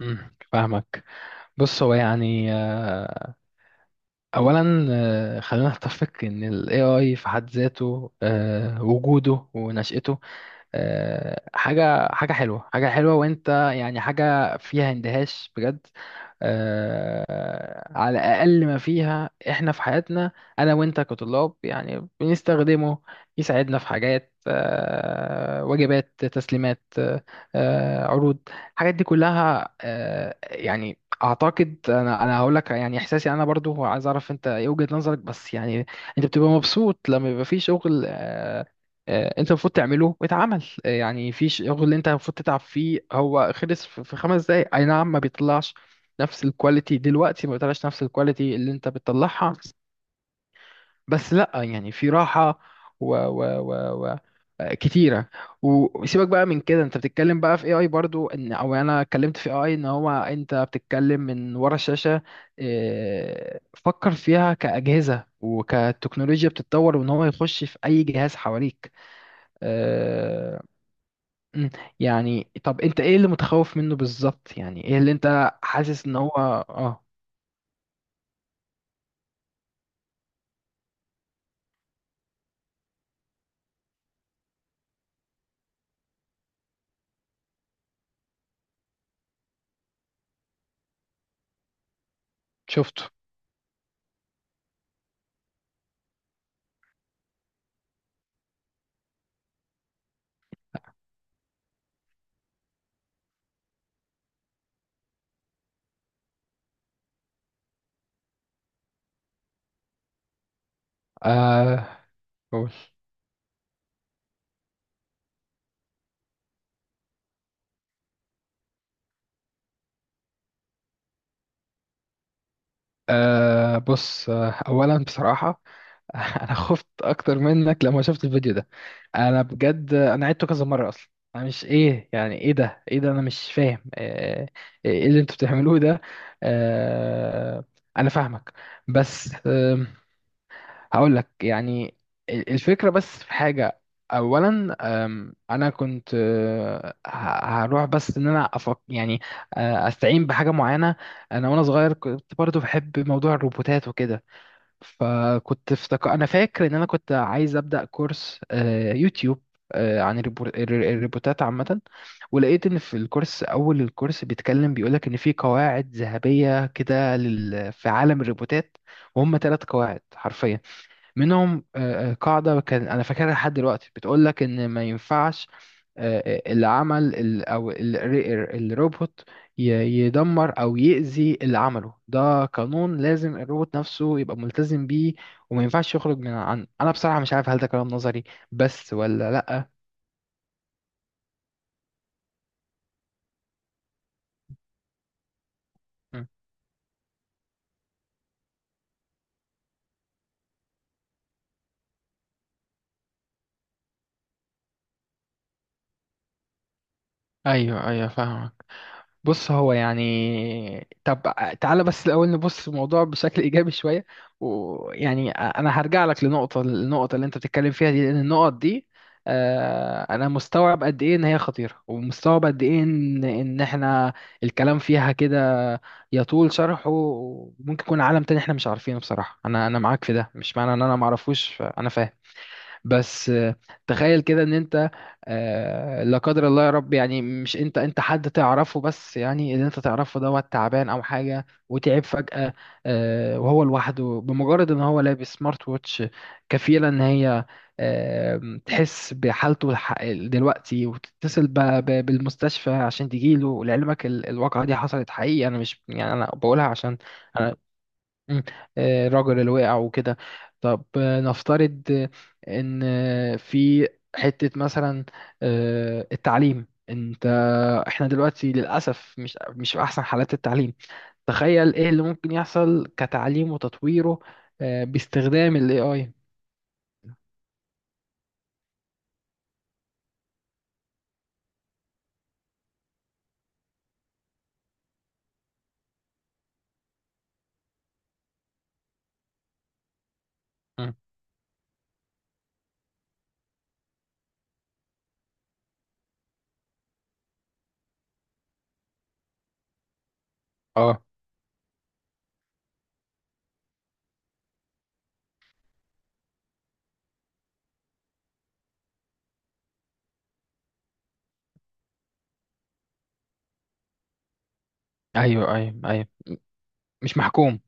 مم، فاهمك. بص، هو يعني اولا، خلينا نتفق ان ال AI في حد ذاته، وجوده ونشأته، حاجة حلوة، وانت يعني حاجة فيها اندهاش بجد، على الأقل ما فيها احنا في حياتنا. أنا وانت كطلاب يعني بنستخدمه، يساعدنا في حاجات واجبات، تسليمات، عروض. الحاجات دي كلها يعني أعتقد أنا هقول لك يعني إحساسي، أنا برضو عايز أعرف أنت إيه وجهة نظرك، بس يعني أنت بتبقى مبسوط لما يبقى في شغل انت المفروض تعمله، واتعمل، يعني في شغل اللي انت المفروض تتعب فيه هو خلص في خمس دقايق. اي نعم، ما بيطلعش نفس الكواليتي دلوقتي، ما بيطلعش نفس الكواليتي اللي انت بتطلعها، بس لا يعني في راحة و كتيرة. وسيبك بقى من كده، انت بتتكلم بقى في AI، برضو ان او يعني انا اتكلمت في AI ان هو انت بتتكلم من ورا الشاشة. فكر فيها كأجهزة وكتكنولوجيا بتتطور، وان هو يخش في اي جهاز حواليك. آه، مم. يعني طب انت ايه اللي متخوف منه بالظبط؟ يعني ايه اللي انت حاسس ان هو... اه، شفته. آه، قول. بص، اولا بصراحة انا خفت اكتر منك لما شفت الفيديو ده. انا بجد انا عدته كذا مرة. اصلا انا مش ايه، يعني ايه ده؟ ايه ده؟ انا مش فاهم ايه اللي انتوا بتعملوه ده. آه انا فاهمك. بس هقول لك يعني، الفكرة، بس في حاجة أولا. أنا كنت هروح بس، إن أنا أفك يعني، أستعين بحاجة معينة. أنا وأنا صغير كنت برضو بحب موضوع الروبوتات وكده، فكنت افتكر، أنا فاكر إن أنا كنت عايز أبدأ كورس يوتيوب عن الروبوتات عامة. ولقيت إن في الكورس، أول الكورس بيتكلم، بيقولك إن في قواعد ذهبية كده في عالم الروبوتات، وهم ثلاث قواعد حرفيا. منهم قاعدة كان أنا فاكرها لحد دلوقتي، بتقول لك إن ما ينفعش اللي عمل الروبوت ي- يدمر أو يأذي اللي عمله. ده قانون لازم الروبوت نفسه يبقى ملتزم بيه، وما ينفعش يخرج من عنه. أنا بصراحة مش عارف، هل ده كلام نظري بس ولا لأ؟ م. أيوه، أيوه، فاهمك. بص، هو يعني طب، تعالى بس الأول نبص الموضوع بشكل إيجابي شوية. ويعني أنا هرجع لك لنقطة، النقطة اللي أنت بتتكلم فيها دي، لأن النقط دي أنا مستوعب قد إيه إن هي خطيرة، ومستوعب قد إيه إن إحنا الكلام فيها كده يطول شرحه، وممكن يكون عالم تاني إحنا مش عارفينه. بصراحة أنا معاك في ده، مش معنى إن أنا معرفوش، أنا فاهم. بس تخيل كده ان انت لا قدر الله يا رب، يعني مش انت، حد تعرفه، بس يعني اللي انت تعرفه دوت تعبان او حاجه، وتعب فجاه. وهو لوحده، بمجرد ان هو لابس سمارت ووتش، كفيله ان هي تحس بحالته دلوقتي، وتتصل بالمستشفى عشان تجيله. لعلمك الواقعه دي حصلت حقيقي، انا مش يعني انا بقولها عشان... مم. الرجل اللي وقع وكده. طب نفترض ان في حتة مثلا، التعليم. انت، احنا دلوقتي للأسف مش في احسن حالات التعليم. تخيل ايه اللي ممكن يحصل كتعليم وتطويره باستخدام ال AI. مم. اه، ايوه، ايوه، ايوه، مش محكوم.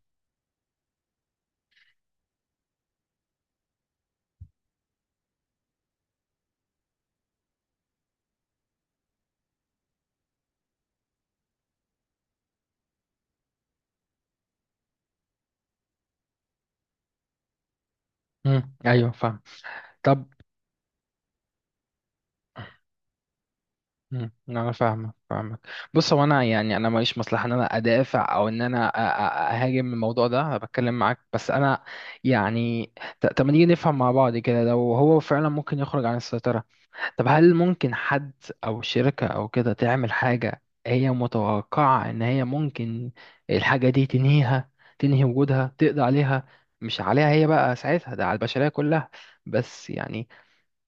مم. ايوه، فاهم. طب. مم. انا فاهمك، فاهمك. بص، هو انا يعني انا ماليش مصلحه ان انا ادافع او ان انا اهاجم الموضوع ده. انا بتكلم معاك بس انا يعني طب، ما نيجي نفهم مع بعض كده، لو هو فعلا ممكن يخرج عن السيطره، طب هل ممكن حد او شركه او كده تعمل حاجه هي متوقعه ان هي ممكن الحاجه دي تنهيها، تنهي وجودها، تقضي عليها؟ مش عليها هي بقى ساعتها، ده على البشريه كلها. بس يعني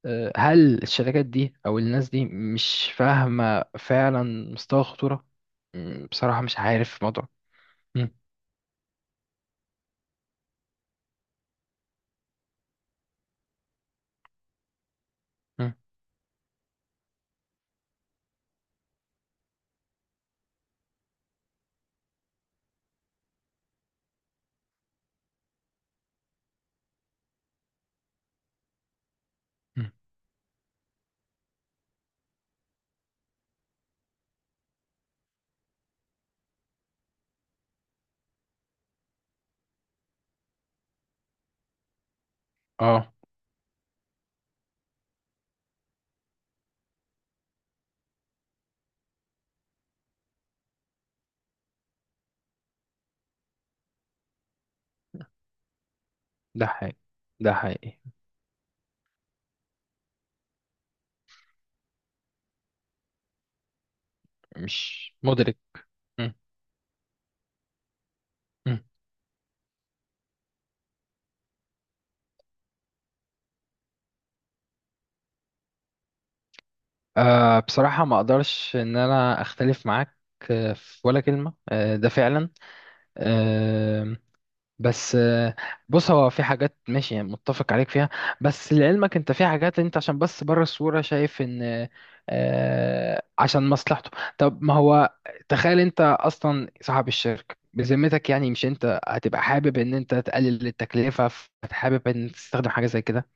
هل الشركات دي او الناس دي مش فاهمة فعلا مستوى الخطورة؟ بصراحة مش عارف الموضوع. مم، مم، مم. اه، ده حقيقي، ده حقيقي. مش مدرك. مم، مم. بصراحة ما اقدرش ان انا اختلف معاك في ولا كلمة، ده فعلا آه، بس، بص، هو في حاجات ماشي يعني متفق عليك فيها، بس لعلمك انت في حاجات انت عشان بس بره الصورة شايف ان عشان مصلحته. طب ما هو، تخيل انت اصلا صاحب الشركة، بذمتك يعني مش انت هتبقى حابب ان انت تقلل التكلفة؟ فحابب ان تستخدم حاجة زي كده.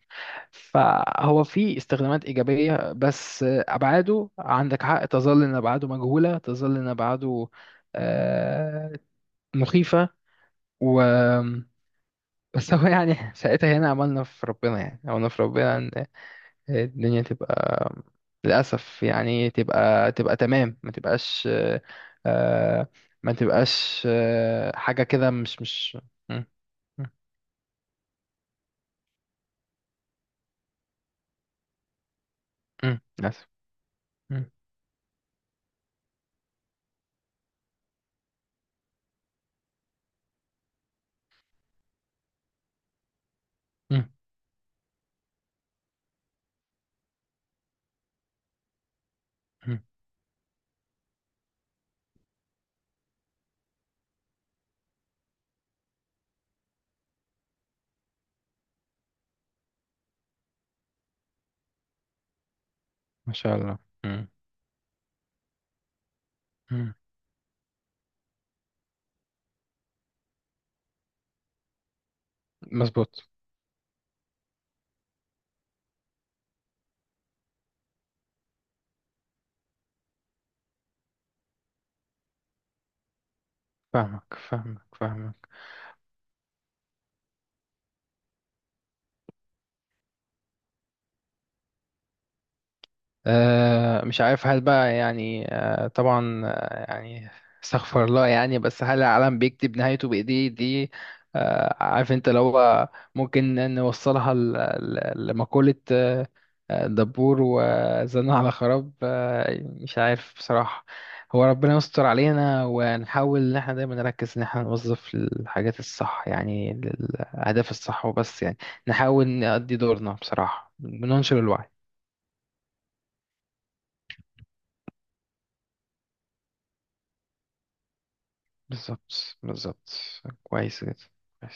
فهو في استخدامات ايجابية، بس ابعاده، عندك حق، تظل ان ابعاده مجهولة، تظل ان ابعاده آه، مخيفة. و بس هو يعني ساعتها هنا عملنا في ربنا، يعني عملنا في ربنا ان الدنيا تبقى للأسف، يعني تبقى تمام، ما تبقاش آه، ما تبقاش حاجة كده، مش م- م- للأسف. م- م- م- ما شاء الله. م- م- مظبوط. فاهمك، فاهمك، فاهمك. مش عارف هل بقى يعني، طبعا يعني استغفر الله، يعني بس هل العالم بيكتب نهايته بإيديه دي؟ عارف انت، لو هو ممكن نوصلها لمقولة دبور وزنا على خراب. مش عارف بصراحة. هو ربنا يستر علينا، ونحاول ان احنا دايما نركز ان احنا نوظف الحاجات الصح يعني للأهداف الصح، وبس يعني نحاول نأدي دورنا بصراحة، بننشر الوعي. بالظبط، بالظبط. كويس جدا. كويس.